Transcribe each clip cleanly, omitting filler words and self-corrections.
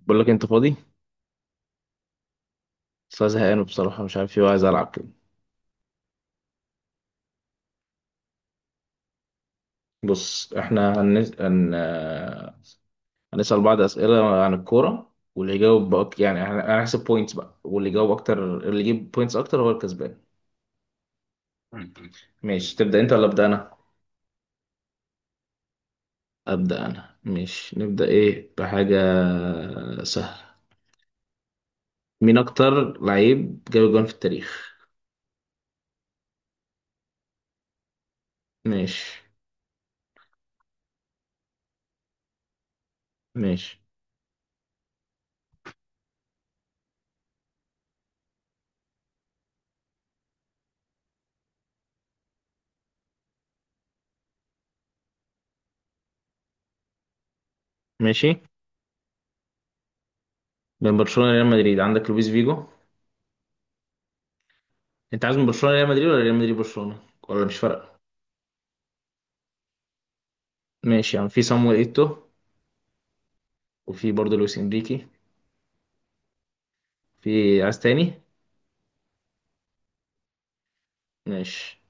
بقول لك انت فاضي. بس أنا زهقان بصراحه، مش عارف ايه، وعايز العب كده. بص، احنا هنسال بعض اسئله عن الكوره، واللي يجاوب بقى يعني هنحسب بوينتس بقى، واللي يجاوب اكتر اللي يجيب بوينتس اكتر هو الكسبان. ماشي، تبدا انت ولا ابدا انا؟ ابدا انا. ماشي، نبدا ايه؟ بحاجه سهله. مين اكتر لعيب جاب جون في التاريخ؟ ماشي. ماشي. ماشي. بين برشلونه وريال مدريد عندك لويس فيجو. انت عايز من برشلونه ريال مدريد ولا ريال مدريد برشلونه؟ ولا مش فارقه؟ ماشي، يعني في صامويل ايتو. وفي برضه لويس انريكي. في عايز تاني؟ ماشي.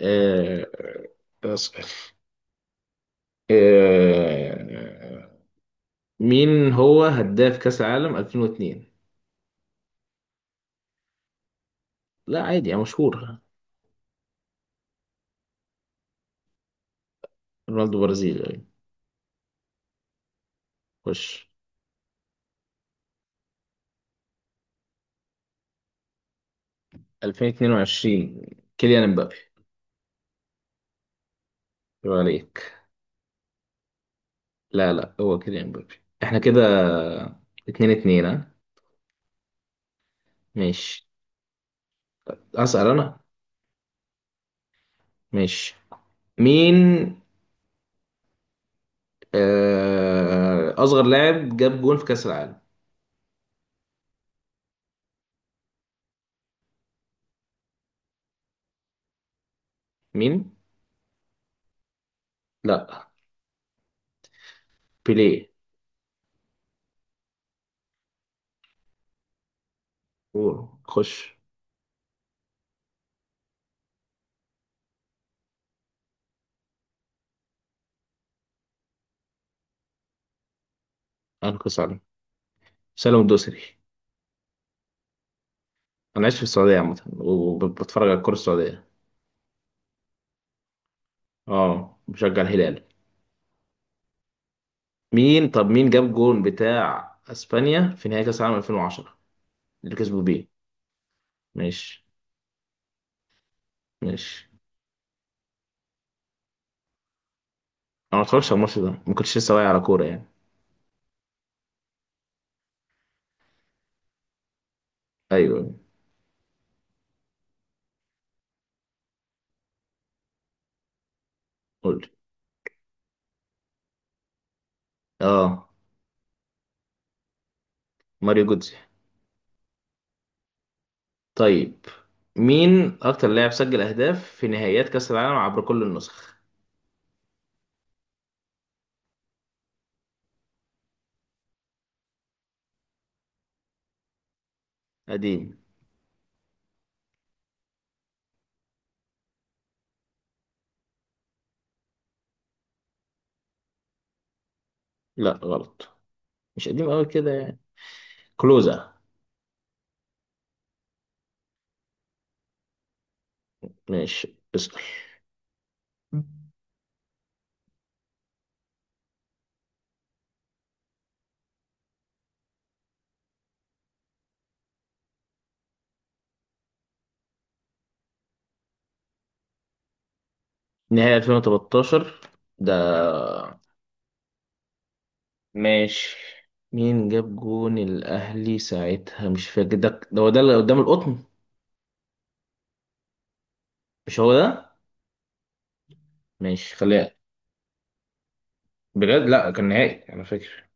آه... بس- آه... مين هو هداف كأس العالم 2002؟ لا عادي، يعني مشهور. رونالدو برازيلي يعني. خش. 2022؟ كيليان امبابي. يبقى عليك. لا لا، هو كيليان امبابي. احنا كده اتنين اتنين، ها. ماشي. اسأل انا. ماشي. مين اصغر لاعب جاب جون في كأس العالم؟ مين؟ لا، بيليه. قول خش. انقص عليه. سالم الدوسري. انا عايش في السعوديه عامه وبتفرج على الكره السعوديه. اه، بشجع الهلال. مين؟ طب مين جاب جون بتاع اسبانيا في نهائي كاس العالم 2010، اللي كسبوا بيه؟ ماشي. ماشي. انا ما اتفرجتش على الماتش ده، ما كنتش لسه واعي على كوره يعني. ايوه. قول لي. اه، ماريو جوتزي. طيب، مين اكتر لاعب سجل اهداف في نهائيات كاس العالم عبر كل النسخ؟ قديم. لا، غلط. مش قديم قوي كده يعني. كلوزا. ماشي اسأل. نهائي 2013 ده؟ ماشي. مين جاب جون الأهلي ساعتها؟ مش فاكر ده. ده هو ده اللي قدام القطن؟ مش هو ده؟ ماشي خليها. بجد لا، كان نهائي أنا فاكر.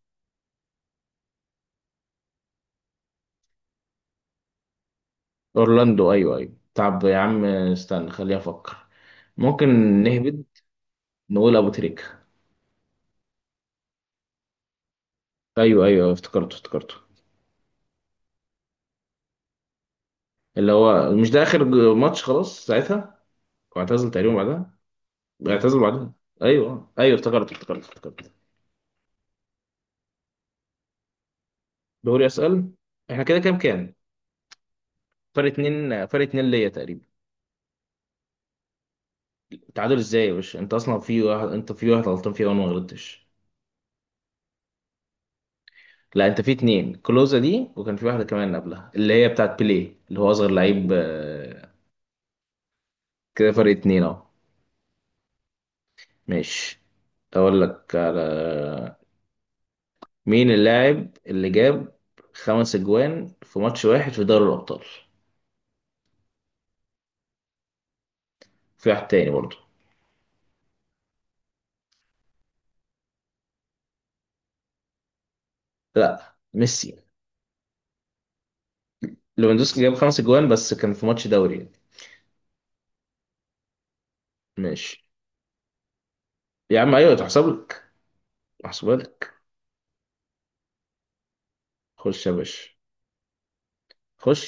أورلاندو، أيوه أيوه. طب يا عم استنى خليها أفكر. ممكن. نهبد. نقول أبو تريكة. أيوه أيوه، افتكرته افتكرته. اللي هو مش ده آخر ماتش خلاص ساعتها، واعتزل تقريبا بعدها؟ اعتزل بعدها. أيوه أيوه، افتكرته افتكرته افتكرته. دوري اسال. احنا كده كام كام؟ فرق اتنين، فرق اتنين ليا تقريبا. تعادل ازاي يا باشا؟ انت اصلا في واحد، انت في واحد غلطان فيها وانا ما غلطتش. لا، انت في اتنين كلوزا دي، وكان في واحده كمان قبلها اللي هي بتاعت بيليه اللي هو اصغر لعيب، كده فرق اتنين اهو. ماشي. اقول لك على مين اللاعب اللي جاب خمس اجوان في ماتش واحد في دوري الابطال؟ في واحد تاني برضه. لا، ميسي. ليفاندوسكي جاب خمس اجوان بس كان في ماتش دوري يعني. ماشي. يا عم ايوه، تحسب لك. محسوبة لك. خش يا باشا. خش.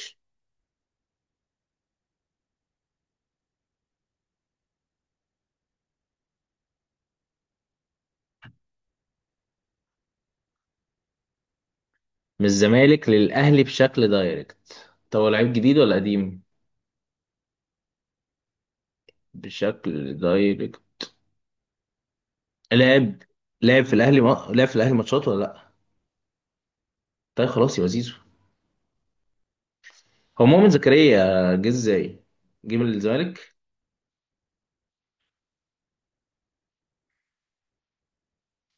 من الزمالك للأهلي بشكل دايركت؟ طب هو لعيب جديد ولا قديم؟ بشكل دايركت. لعب، لعب في الأهلي ما... لعب في الأهلي ماتشات ولا لأ؟ طيب خلاص، يا زيزو هو مؤمن زكريا؟ جه ازاي؟ جه من الزمالك.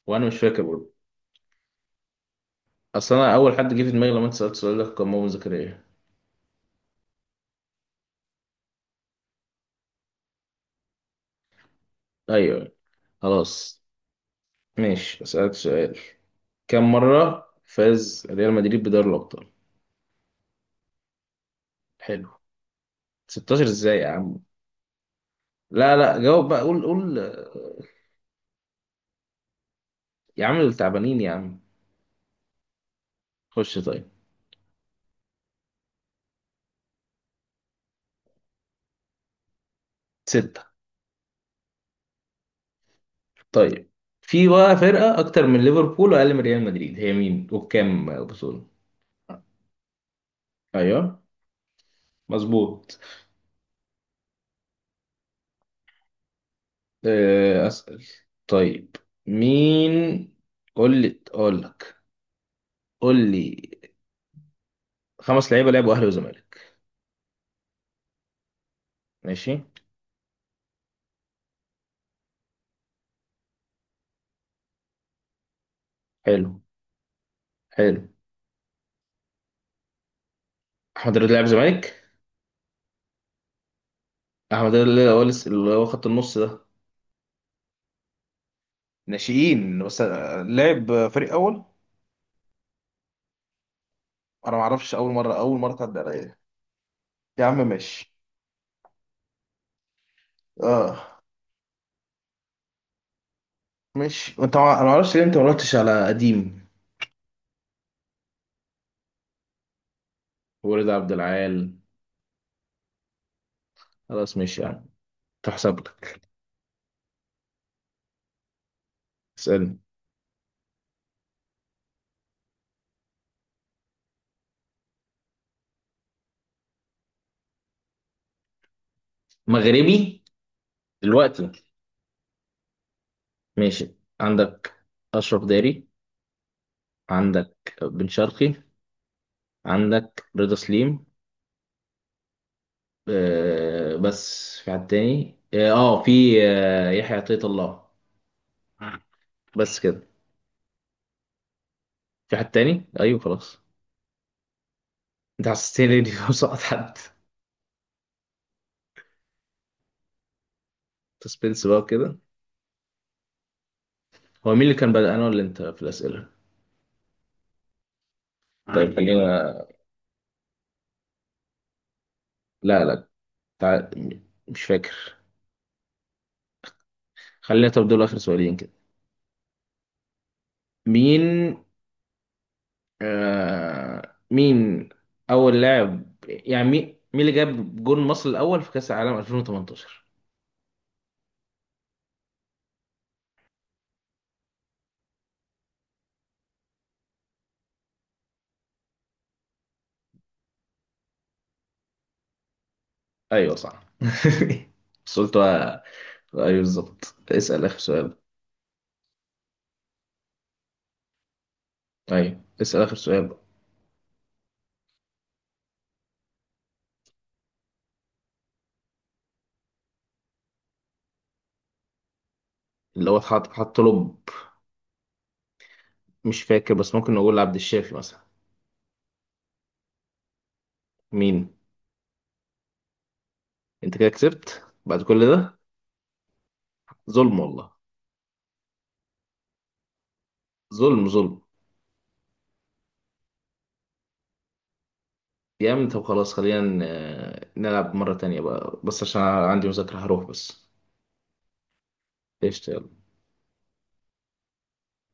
وأنا مش فاكر برضه. أصل أنا أول حد جه في دماغي لما أنت سألت السؤال ده كان مؤمن زكريا. أيوه. خلاص. ماشي أسألك سؤال. كم مرة فاز ريال مدريد بدوري الأبطال؟ حلو. 16 ازاي يا عم؟ لا لا، جاوب بقى، قول قول، يا عم التعبانين يا عم. خش طيب. ستة. طيب، في بقى فرقة أكتر من ليفربول وأقل من ريال مدريد، هي مين وبكام بطولة؟ أيوه. مظبوط. أسأل. طيب. مين؟ قول لي أقول لك. قول لي. خمس لعيبة لعبوا أهلي وزمالك. ماشي. حلو. حلو. أحمد رضا لعب زمالك. أحمد رضا اللي هو اللي هو خط النص ده. ناشئين بس، لعب فريق أول. انا ما اعرفش، اول مره اول مره تعدي عليا. يا عم ماشي. اه. ماشي. انت ما... انا ما اعرفش ليه انت ما رحتش على قديم. ورضا عبد العال. خلاص ماشي يا عم. تحسب لك. اسالني. مغربي؟ دلوقتي؟ ماشي. عندك اشرف داري. عندك بن شرقي. عندك رضا سليم. آه بس في حد تاني؟ اه، في، آه يحيى عطية الله. بس كده. في حد تاني؟ ايوه خلاص. انت حسستني اني بسقط حد. سسبنس بقى كده. هو مين اللي كان بدأ، انا ولا انت في الأسئلة؟ طيب عادي، يلا خلينا. لا لا. تع... مش فاكر. خلينا، طب دول آخر سؤالين كده. مين مين أول لاعب، يعني مين مين اللي جاب جون مصر الأول في كأس العالم 2018؟ ايوه صح بس قلت بقى- ايوه بالظبط، اسأل آخر سؤال. ايوه اسأل آخر سؤال. اللي هو اتحط، حط له. مش فاكر، بس ممكن نقول عبد الشافي مثلا. مين؟ انت كده كسبت بعد كل ده. ظلم والله. ظلم ظلم. جامد. طب خلاص، خلينا نلعب مرة تانية بقى، بس عشان عندي مذاكرة هروح بس. قشطة يلا.